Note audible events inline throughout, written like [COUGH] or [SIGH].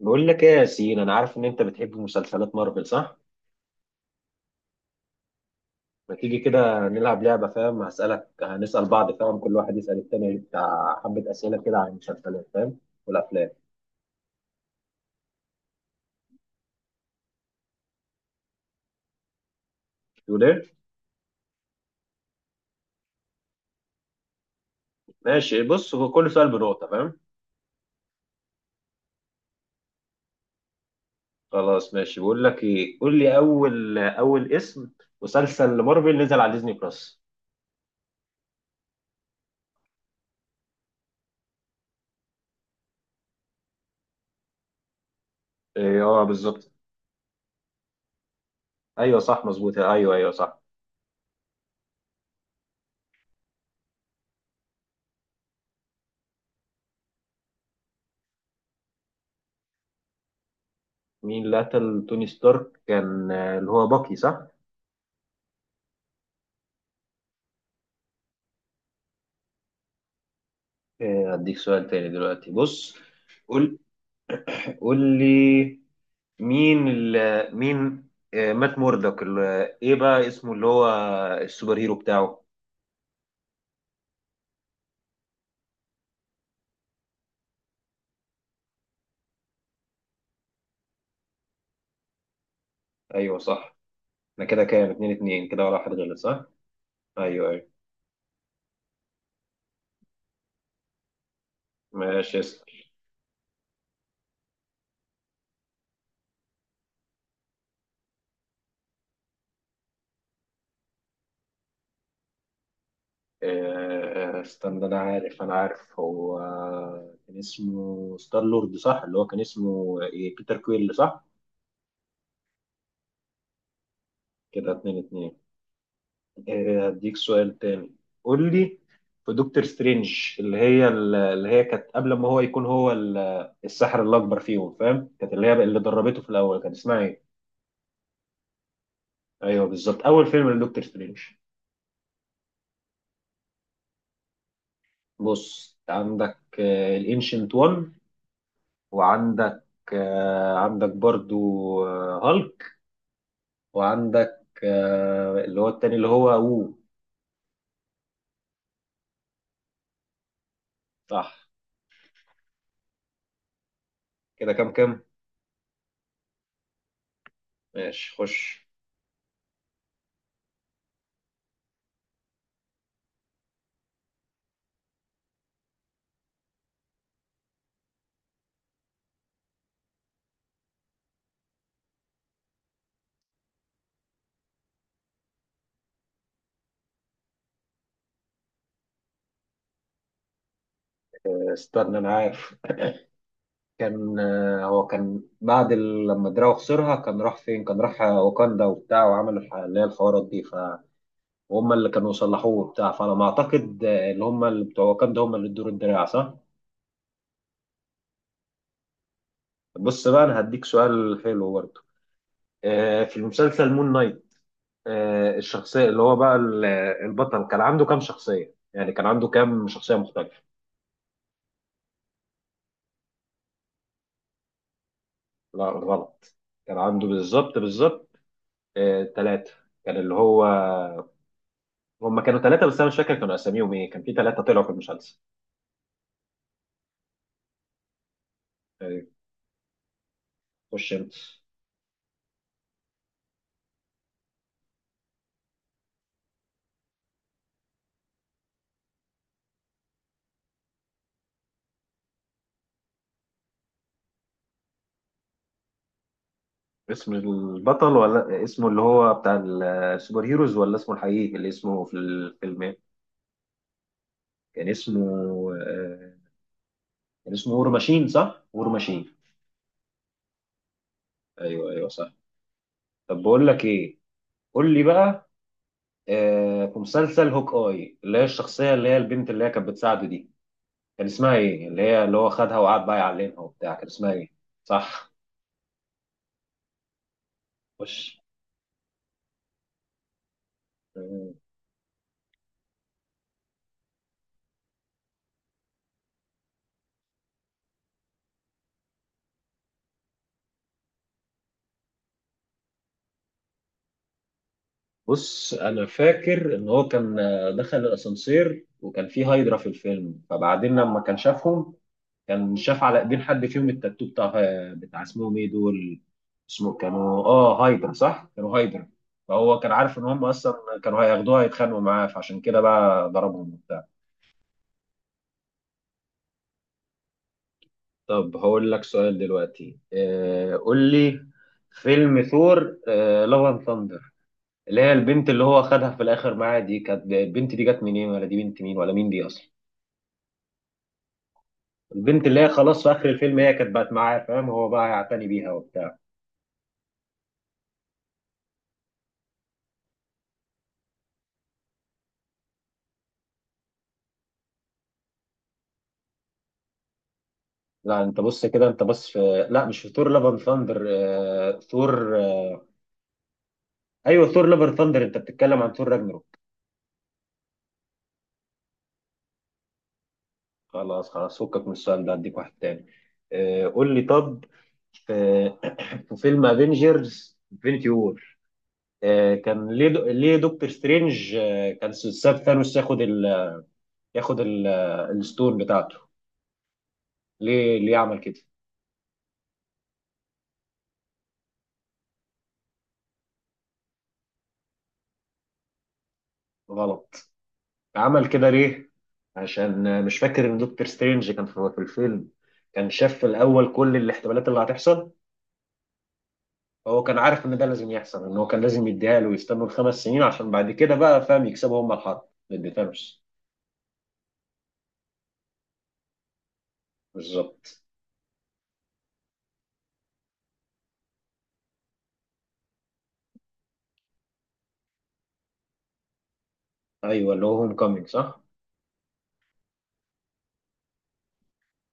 بقول لك ايه يا ياسين، انا عارف ان انت بتحب مسلسلات مارفل صح؟ ما تيجي كده نلعب لعبه، فاهم؟ هسالك، هنسال بعض، فاهم؟ كل واحد يسال التاني بتاع حبه اسئله كده عن المسلسلات، فاهم؟ والافلام. تقول ايه؟ ماشي. بص، هو كل سؤال بنقطه، فاهم؟ خلاص ماشي. بقول لك ايه، قول لي اول اسم مسلسل مارفل نزل على ديزني بلس. ايه اه بالظبط. ايوه صح مظبوط، ايوه ايوه صح. مين اللي قتل توني ستارك؟ كان اللي هو باكي صح؟ اديك سؤال تاني دلوقتي. بص. قول قول لي مين ال مين مات موردك ايه بقى اسمه اللي هو السوبر هيرو بتاعه. ايوه صح. انا كده كام؟ اتنين اتنين كده ولا واحد غلط صح؟ ايوه ايوه. ماشي اسأل. استنى انا عارف، انا عارف. هو كان اسمه ستار لورد صح، اللي هو كان اسمه ايه، بيتر كويل صح. كده اتنين اتنين. هديك سؤال تاني. قول لي. في دكتور سترينج، اللي هي كانت قبل ما هو يكون هو الساحر الأكبر فيهم، فاهم؟ كانت اللي هي اللي دربته في الأول، كانت اسمها إيه؟ أيوه بالظبط، أول فيلم لدكتور سترينج. بص، عندك الانشنت 1، وعندك عندك برضو هالك، وعندك اللي هو التاني اللي هو صح. كده كام كام؟ ماشي خش. استنى أنا عارف. كان هو كان بعد لما دراو خسرها كان راح فين؟ كان راح واكاندا وبتاع، وعمل اللي هي الحوارات دي، فهم؟ اللي كانوا صلحوه وبتاع، فانا ما اعتقد اللي هم اللي بتوع واكاندا هم اللي ادوا له الدراع صح. بص بقى، انا هديك سؤال حلو برضه. في المسلسل مون نايت، الشخصيه اللي هو بقى البطل، كان عنده كام شخصيه؟ يعني كان عنده كام شخصيه مختلفه؟ لا غلط. كان عنده بالظبط بالظبط ثلاثه. كان اللي هو، هم كانوا ثلاثة بس أنا مش فاكر كانوا أساميهم إيه. كان في ثلاثة طلعوا في المسلسل يعني. خش أنت. اسم البطل ولا اسمه اللي هو بتاع السوبر هيروز ولا اسمه الحقيقي اللي اسمه في الفيلم إيه؟ كان اسمه آه، كان اسمه وور ماشين صح؟ وور ماشين. أيوه أيوه صح. طب بقول لك إيه، قول لي بقى. في مسلسل هوك آي، اللي هي الشخصية اللي هي البنت اللي هي كانت بتساعده دي، كان اسمها إيه؟ اللي هي اللي هو خدها وقعد بقى يعلمها وبتاع، كان اسمها إيه؟ صح. خش. آه. بص انا فاكر ان هو كان دخل الاسانسير وكان فيه هايدرا في الفيلم. فبعدين لما كان شافهم، كان شاف على ايدين حد فيهم التاتو بتاع بتاع، اسمهم ايه دول؟ اسمه كانوا اه هايدرا صح، كانوا هايدرا. فهو كان عارف ان هم اصلا كانوا هياخدوها يتخانقوا معاه، فعشان كده بقى ضربهم وبتاع. طب هقول لك سؤال دلوقتي. آه، قول لي. فيلم ثور لاف اند ثاندر، اللي هي البنت اللي هو خدها في الاخر معاه دي، كانت البنت دي جت منين ولا دي بنت مين ولا مين دي اصلا؟ البنت اللي هي خلاص في اخر الفيلم هي كانت بقت معاه، فاهم؟ هو بقى هيعتني بيها وبتاع. لا انت بص كده، انت بص في، لا مش في ثور لافن ثاندر. ثور ايوه ثور لافن ثاندر، انت بتتكلم عن ثور راجنروك. خلاص خلاص، فكك من السؤال ده، اديك واحد تاني. قول لي طب. في [COUGHS] [CLEARS THROAT] في فيلم افنجرز انفنتي وور، كان ليه ليه دكتور سترينج كان ساب ثانوس ياخد ياخد ال... آه، الستون بتاعته؟ ليه ليه عمل كده؟ غلط. عمل كده ليه؟ عشان مش فاكر ان دكتور سترينج كان في الفيلم، كان شاف في الاول كل الاحتمالات اللي هتحصل. هو كان عارف ان ده لازم يحصل، ان هو كان لازم يديها له، ويستنوا الخمس سنين، عشان بعد كده بقى فاهم يكسبوا هم الحرب. ما اديتهمش بالظبط. ايوه اللي هو هوم كومينج صح؟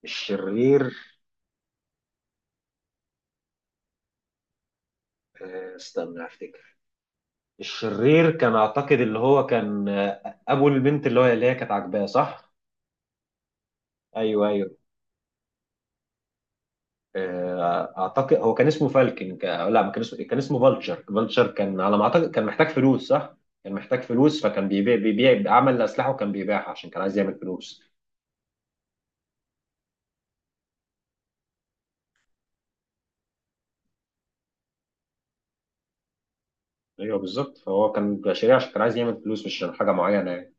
الشرير. استنى افتكر. الشرير كان اعتقد اللي هو كان ابو البنت اللي هو اللي هي كانت عاجباه صح؟ ايوه ايوه. اعتقد هو كان اسمه فالكن لا، ما كان اسمه. كان اسمه فالتشر. فالتشر كان على ما اعتقد كان محتاج فلوس صح. كان محتاج فلوس، فكان بيبيع عمل اسلحه وكان بيبيعها عشان كان عايز يعمل فلوس. ايوه بالظبط، فهو كان شريع عشان كان عايز يعمل فلوس، مش عشان حاجه معينه يعني.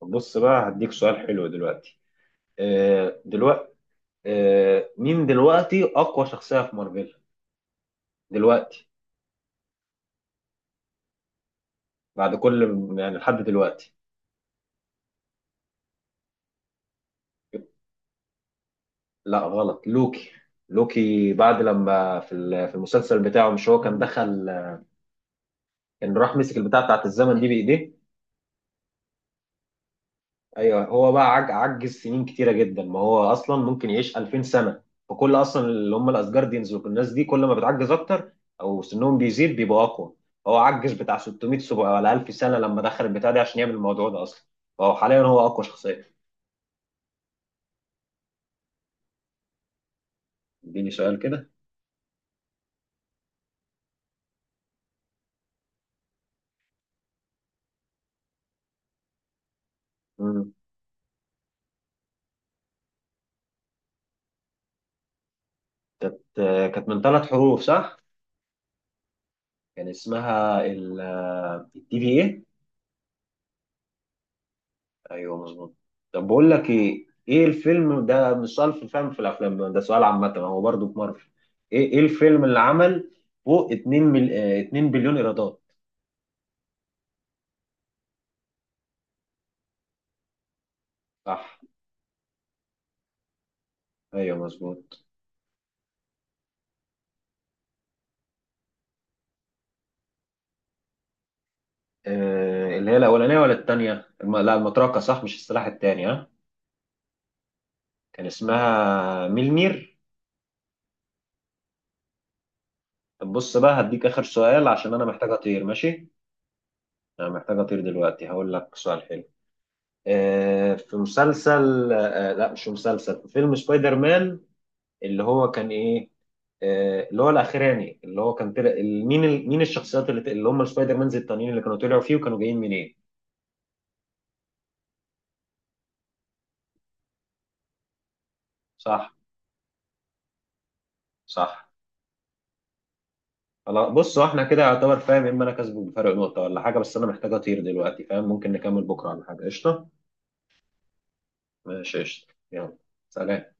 طب بص بقى، هديك سؤال حلو دلوقتي. دلوقتي، مين دلوقتي اقوى شخصيه في مارفل؟ دلوقتي، بعد كل، يعني لحد دلوقتي. لا غلط، لوكي. لوكي بعد لما في في المسلسل بتاعه، مش هو كان دخل، كان راح مسك البتاع بتاعت الزمن دي بايديه؟ ايوه هو بقى عجز سنين كتيره جدا. ما هو اصلا ممكن يعيش 2000 سنه. فكل اصلا اللي هم الاسجارديانز والناس دي، كل ما بتعجز اكتر او سنهم بيزيد بيبقوا اقوى. هو عجز بتاع 600 700 ولا 1000 سنه لما دخل البتاع ده عشان يعمل الموضوع ده اصلا. فهو حاليا هو اقوى شخصيه. اديني سؤال كده. مم. كانت، كانت من ثلاث حروف صح؟ كان اسمها ال، الدي في ايه؟ ايوه مظبوط. طب بقول لك ايه، ايه الفيلم، ده مش سؤال في الفهم في الافلام، ده سؤال عامه هو برضه في مارفل. ايه ايه الفيلم اللي عمل فوق 2 مل... آه، 2 بليون ايرادات؟ صح. ايوه مظبوط. آه، اللي هي الاولانيه ولا الثانيه لا المطرقه صح مش السلاح الثاني ها. كان اسمها ميلمير. طب بص بقى هديك اخر سؤال عشان انا محتاج اطير، ماشي. انا محتاج اطير دلوقتي، هقول لك سؤال حلو. في مسلسل، آه لا مش في مسلسل، في فيلم سبايدر مان، اللي هو كان ايه، اللي هو الاخراني، اللي هو كان طلع مين مين الشخصيات اللي هم السبايدر مانز التانيين اللي كانوا طلعوا فيه وكانوا جايين منين؟ صح صح. خلاص بص، هو احنا كده يعتبر فاهم، اما انا كسبه بفرق نقطة ولا حاجة. بس انا محتاج اطير دلوقتي، فاهم؟ ممكن نكمل بكرة ولا حاجة، قشطة. ماشي قشطة، يلا، سلام.